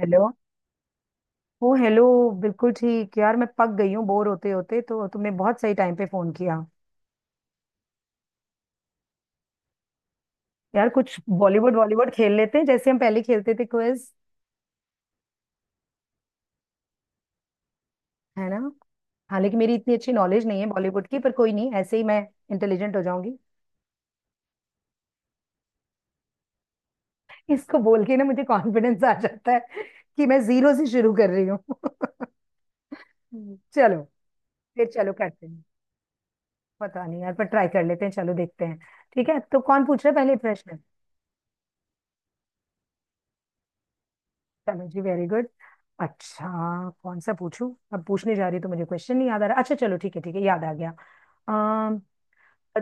Hello. ओ hello. बिल्कुल ठीक यार, मैं पक गई हूँ बोर होते होते। तो तुमने बहुत सही टाइम पे फोन किया। यार कुछ बॉलीवुड बॉलीवुड खेल लेते हैं, जैसे हम पहले खेलते थे क्विज। है ना। हालांकि मेरी इतनी अच्छी नॉलेज नहीं है बॉलीवुड की, पर कोई नहीं, ऐसे ही मैं इंटेलिजेंट हो जाऊंगी। इसको बोल के ना मुझे कॉन्फिडेंस आ जाता है कि मैं जीरो से शुरू कर रही हूँ। चलो। फिर चलो करते हैं। पता नहीं यार, पर ट्राई कर लेते हैं, चलो देखते हैं। ठीक है, तो कौन पूछ रहा है पहले प्रश्न। चलो जी, वेरी गुड। अच्छा, कौन सा पूछूं, अब पूछने जा रही तो मुझे क्वेश्चन नहीं याद आ रहा। अच्छा चलो, ठीक है ठीक है, याद आ गया। अम,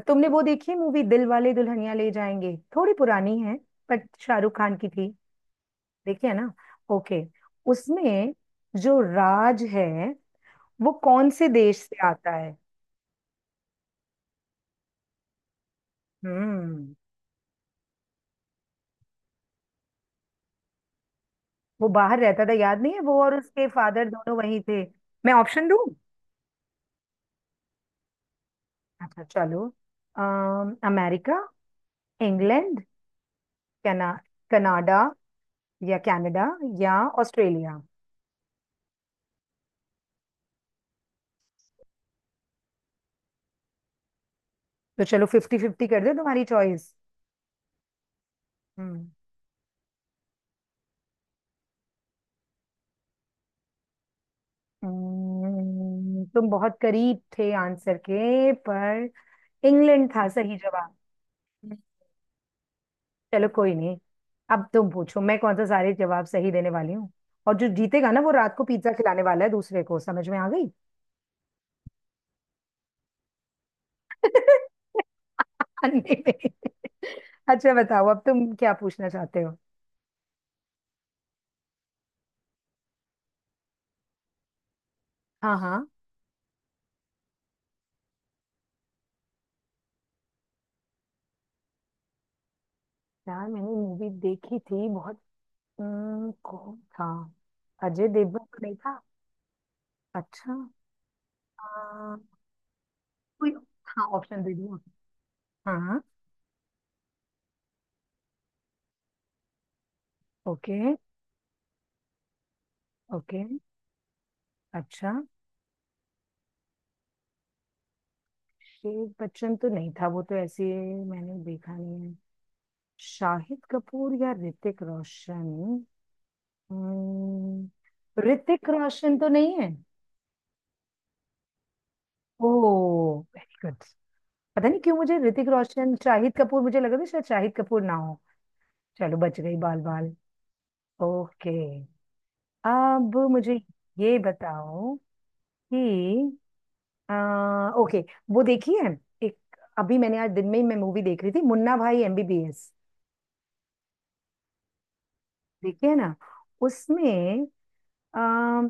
तुमने वो देखी है मूवी दिल वाले दुल्हनिया ले जाएंगे, थोड़ी पुरानी है, बट शाहरुख खान की थी। देखी है ना। ओके। उसमें जो राज है, वो कौन से देश से आता है। हम्म। वो बाहर रहता था, याद नहीं है वो और उसके फादर दोनों वहीं थे। मैं ऑप्शन दूं। अच्छा चलो। अमेरिका, इंग्लैंड, कना कनाडा, या कनाडा, या ऑस्ट्रेलिया। तो चलो फिफ्टी फिफ्टी कर दो, तुम्हारी चॉइस। हम्म। तुम बहुत करीब थे आंसर के, पर इंग्लैंड था सही जवाब। चलो कोई नहीं। अब तुम पूछो, मैं कौन सा सारे जवाब सही देने वाली हूँ। और जो जीतेगा ना वो रात को पिज्जा खिलाने वाला है दूसरे को, समझ में आ गई। अंडे में। अच्छा बताओ, अब तुम क्या पूछना चाहते हो। हाँ हाँ। यार मैंने मूवी देखी थी बहुत। कौन था। अजय देवगन तो नहीं था। अच्छा। आ, कोई। हाँ ऑप्शन दे दो। हाँ। ओके। ओके। अच्छा। शेख बच्चन तो नहीं था, वो तो ऐसे मैंने देखा नहीं है। शाहिद कपूर या ऋतिक रोशन। हम्म, ऋतिक रोशन तो नहीं है। ओह वेरी गुड। पता नहीं क्यों मुझे ऋतिक रोशन शाहिद कपूर, मुझे लगा था शायद शाहिद कपूर ना हो। चलो बच गई बाल बाल। ओके। अब मुझे ये बताओ कि ओके, वो देखी है एक, अभी मैंने आज दिन में ही मैं मूवी देख रही थी मुन्ना भाई एमबीबीएस। देखी है ना। उसमें आ,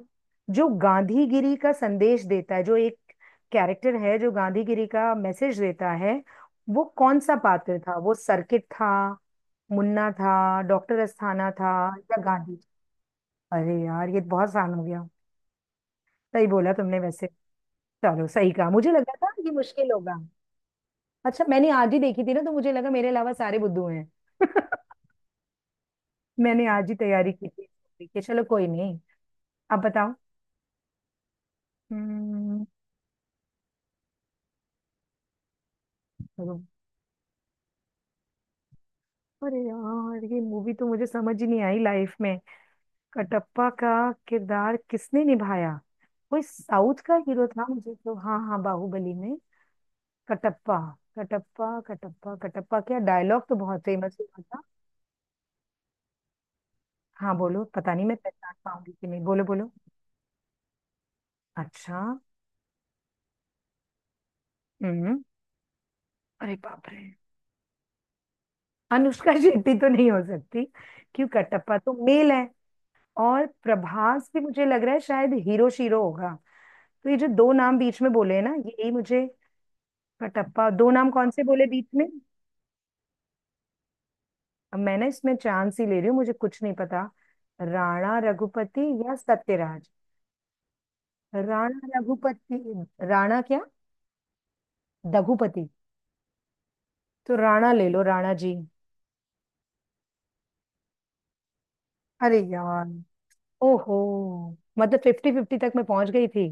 जो गांधीगिरी का संदेश देता है, जो एक कैरेक्टर है जो गांधीगिरी का मैसेज देता है, वो कौन सा पात्र था। वो सर्किट था, मुन्ना था, डॉक्टर अस्थाना था, या गांधी। अरे यार ये बहुत आसान हो गया, सही बोला तुमने वैसे। चलो सही कहा, मुझे लगा था ये मुश्किल होगा। अच्छा, मैंने आज ही देखी थी ना तो मुझे लगा मेरे अलावा सारे बुद्धू हैं। मैंने आज ही तैयारी की थी इस movie की। चलो कोई नहीं, अब बताओ। हम्म, रुको। अरे यार ये मूवी तो मुझे समझ ही नहीं आई लाइफ में। कटप्पा का किरदार किसने निभाया। कोई साउथ का हीरो था मुझे तो, हाँ हाँ बाहुबली में। कटप्पा, कटप्पा क्या डायलॉग तो बहुत फेमस हुआ था। हाँ बोलो, पता नहीं मैं पहचान पाऊंगी कि नहीं, बोलो बोलो। अच्छा। हम्म। अरे बाप रे। अनुष्का शेट्टी तो नहीं हो सकती, क्यों कटप्पा तो मेल है। और प्रभास भी मुझे लग रहा है शायद हीरो शीरो होगा। तो ये जो दो नाम बीच में बोले हैं ना, यही मुझे। कटप्पा, दो नाम कौन से बोले बीच में। अब मैंने इसमें चांस ही ले रही हूँ, मुझे कुछ नहीं पता। राणा रघुपति या सत्यराज। राणा रघुपति। राणा क्या, दघुपति। तो राणा ले लो, राणा जी। अरे यार। ओहो, मतलब फिफ्टी फिफ्टी तक मैं पहुंच गई थी।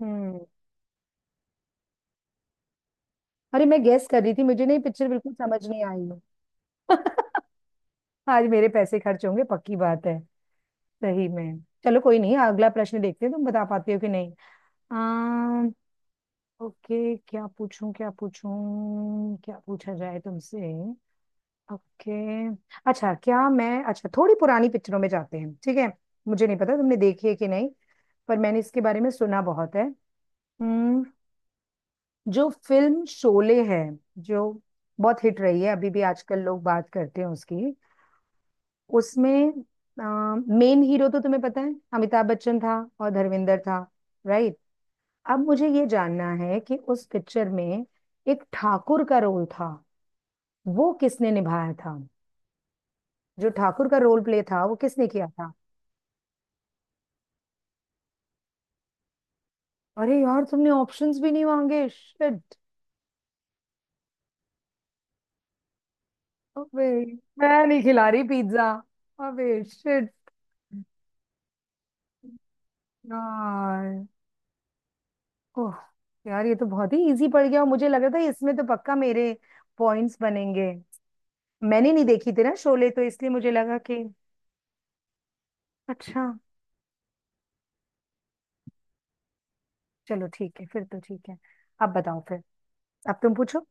हम्म। अरे मैं गेस कर रही थी, मुझे नहीं पिक्चर बिल्कुल समझ नहीं आई है। आज मेरे पैसे खर्च होंगे पक्की बात है, सही में। चलो कोई नहीं, अगला प्रश्न देखते हैं तुम बता पाती हो कि नहीं। आम, ओके, क्या पूछूं क्या पूछूं, क्या पूछा जाए तुमसे। ओके। अच्छा, क्या मैं अच्छा थोड़ी पुरानी पिक्चरों में जाते हैं, ठीक है। मुझे नहीं पता तुमने देखी है कि नहीं, पर मैंने इसके बारे में सुना बहुत है। हम्म, जो फिल्म शोले है, जो बहुत हिट रही है, अभी भी आजकल लोग बात करते हैं उसकी। उसमें मेन हीरो तो तुम्हें पता है अमिताभ बच्चन था और धर्मेंद्र था, राइट। अब मुझे ये जानना है कि उस पिक्चर में एक ठाकुर का रोल था, वो किसने निभाया था। जो ठाकुर का रोल प्ले था वो किसने किया था। अरे यार तुमने ऑप्शंस भी नहीं मांगे, शिट। अबे मैं नहीं खिला रही पिज्जा, अबे शिट। यार। ओह यार, ये तो बहुत ही इजी पड़ गया, और मुझे लग रहा था इसमें तो पक्का मेरे पॉइंट्स बनेंगे। मैंने नहीं देखी थी ना शोले, तो इसलिए मुझे लगा कि। अच्छा। चलो ठीक है, फिर तो ठीक है। अब बताओ फिर, अब तुम पूछो।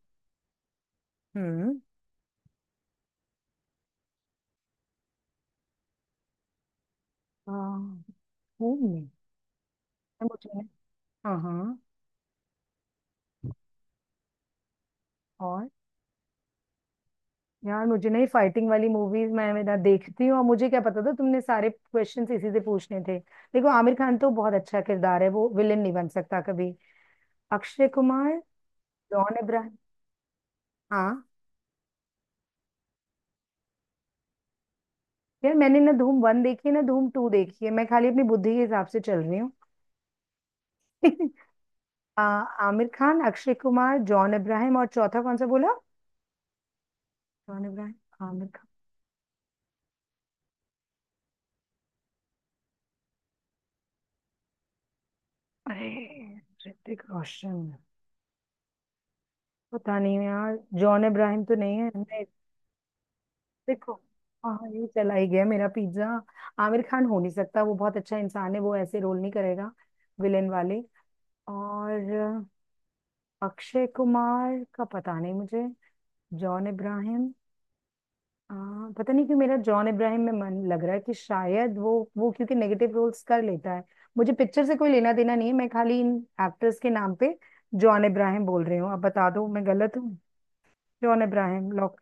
हम्म। हाँ, खून में। यार मुझे नहीं- हाँ हाँ और। यार मुझे नहीं फाइटिंग वाली मूवीज मैं ना देखती हूँ, और मुझे क्या पता था तुमने सारे क्वेश्चंस इसी से पूछने थे। देखो आमिर खान तो बहुत अच्छा किरदार है, वो विलेन नहीं बन सकता कभी। अक्षय कुमार, जॉन इब्राहिम। हाँ यार मैंने ना धूम वन देखी है ना धूम टू देखी है, मैं खाली अपनी बुद्धि के हिसाब से चल रही हूँ। आ, आमिर खान, अक्षय कुमार, जॉन इब्राहिम, और चौथा कौन सा बोला। जॉन इब्राहिम, आमिर खान। अरे। ऋतिक रोशन। पता नहीं यार, जॉन इब्राहिम तो नहीं है, नहीं। देखो, हाँ ये चला ही गया मेरा पिज्जा। आमिर खान हो नहीं सकता, वो बहुत अच्छा इंसान है, वो ऐसे रोल नहीं करेगा विलेन वाले। और अक्षय कुमार का पता नहीं मुझे। जॉन इब्राहिम। हाँ पता नहीं क्यों मेरा जॉन इब्राहिम में मन लग रहा है कि शायद वो क्योंकि नेगेटिव रोल्स कर लेता है। मुझे पिक्चर से कोई लेना देना नहीं है, मैं खाली इन एक्टर्स के नाम पे जॉन इब्राहिम बोल रही हूँ, अब बता दो मैं गलत हूँ। John Abraham lock.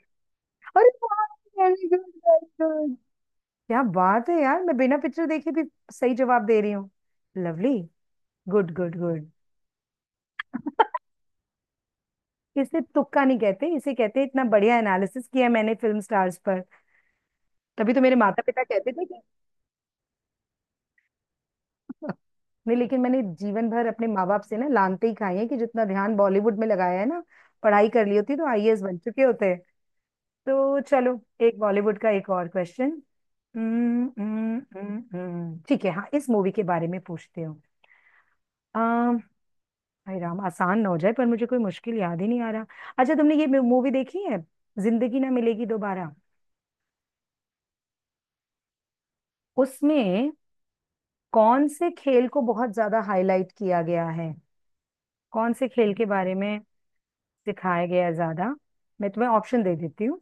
अरे वाह, very good, very good. क्या बात है यार, मैं बिना पिक्चर देखे भी सही जवाब दे रही हूँ। Lovely, good good good. इसे तुक्का नहीं कहते, इसे कहते हैं, इतना बढ़िया एनालिसिस किया मैंने फिल्म स्टार्स पर। तभी तो मेरे माता पिता कहते थे कि, नहीं लेकिन मैंने जीवन भर अपने माँ बाप से ना लानते ही खाई है कि जितना ध्यान बॉलीवुड में लगाया है ना, पढ़ाई कर ली होती तो आईएएस बन चुके होते। तो चलो, एक बॉलीवुड का एक और क्वेश्चन। ठीक है हाँ, इस मूवी के बारे में पूछते हो। अम, भाई राम आसान ना हो जाए, पर मुझे कोई मुश्किल याद ही नहीं आ रहा। अच्छा तुमने ये मूवी देखी है, जिंदगी ना मिलेगी दोबारा। उसमें कौन से खेल को बहुत ज्यादा हाईलाइट किया गया है, कौन से खेल के बारे में सिखाया गया है ज्यादा। मैं तुम्हें ऑप्शन दे देती हूँ।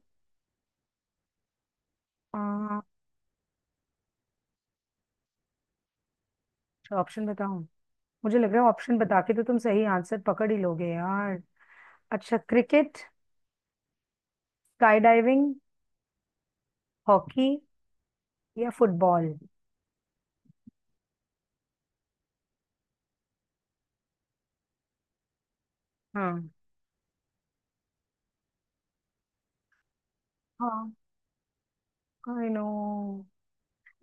आ, अच्छा ऑप्शन बताऊं। मुझे लग रहा है ऑप्शन बता के तो तुम सही आंसर पकड़ ही लोगे यार। अच्छा, क्रिकेट, स्काई डाइविंग, हॉकी, या फुटबॉल। हाँ हाँ। आई नो,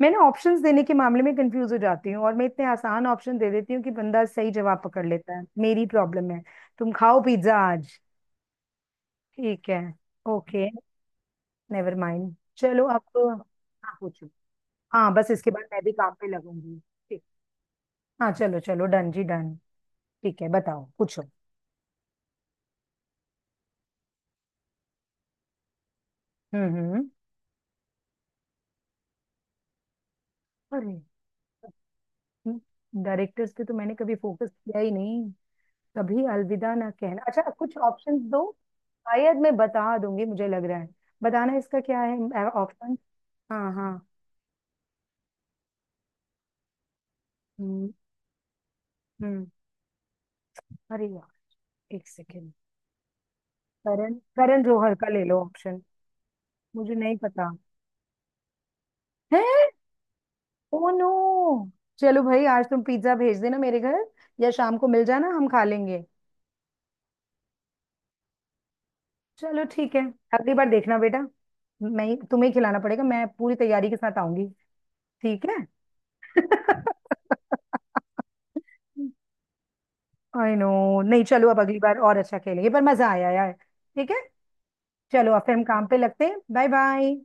मैं ना ऑप्शंस देने के मामले में कंफ्यूज हो जाती हूँ, और मैं इतने आसान ऑप्शन दे देती हूँ कि बंदा सही जवाब पकड़ लेता है, मेरी प्रॉब्लम है। तुम खाओ पिज्जा आज, ठीक है। ओके। नेवर माइंड, चलो अब आप पूछो। हाँ बस इसके बाद मैं भी काम पे लगूंगी। ठीक, हाँ चलो चलो डन जी डन। ठीक है बताओ, पूछो। हम्म। अरे। डायरेक्टर्स पे तो मैंने कभी फोकस किया ही नहीं। कभी अलविदा ना कहना, अच्छा कुछ ऑप्शंस दो। शायद मैं बता दूंगी मुझे लग रहा है, बताना इसका क्या है ऑप्शन। हाँ हाँ। हम्म हम्म। अरे यार, एक सेकेंड। करण, करण जौहर का ले लो ऑप्शन, मुझे नहीं पता। है। Oh no. चलो भाई आज तुम पिज्जा भेज देना मेरे घर, या शाम को मिल जाना हम खा लेंगे। चलो ठीक है। अगली बार देखना बेटा, तुम्हें ही खिलाना पड़ेगा, मैं पूरी तैयारी के साथ आऊंगी, ठीक है। I know. नहीं चलो अब अगली बार और अच्छा खेलेंगे, पर मजा आया यार, ठीक है। चलो अब फिर हम काम पे लगते हैं, बाय बाय।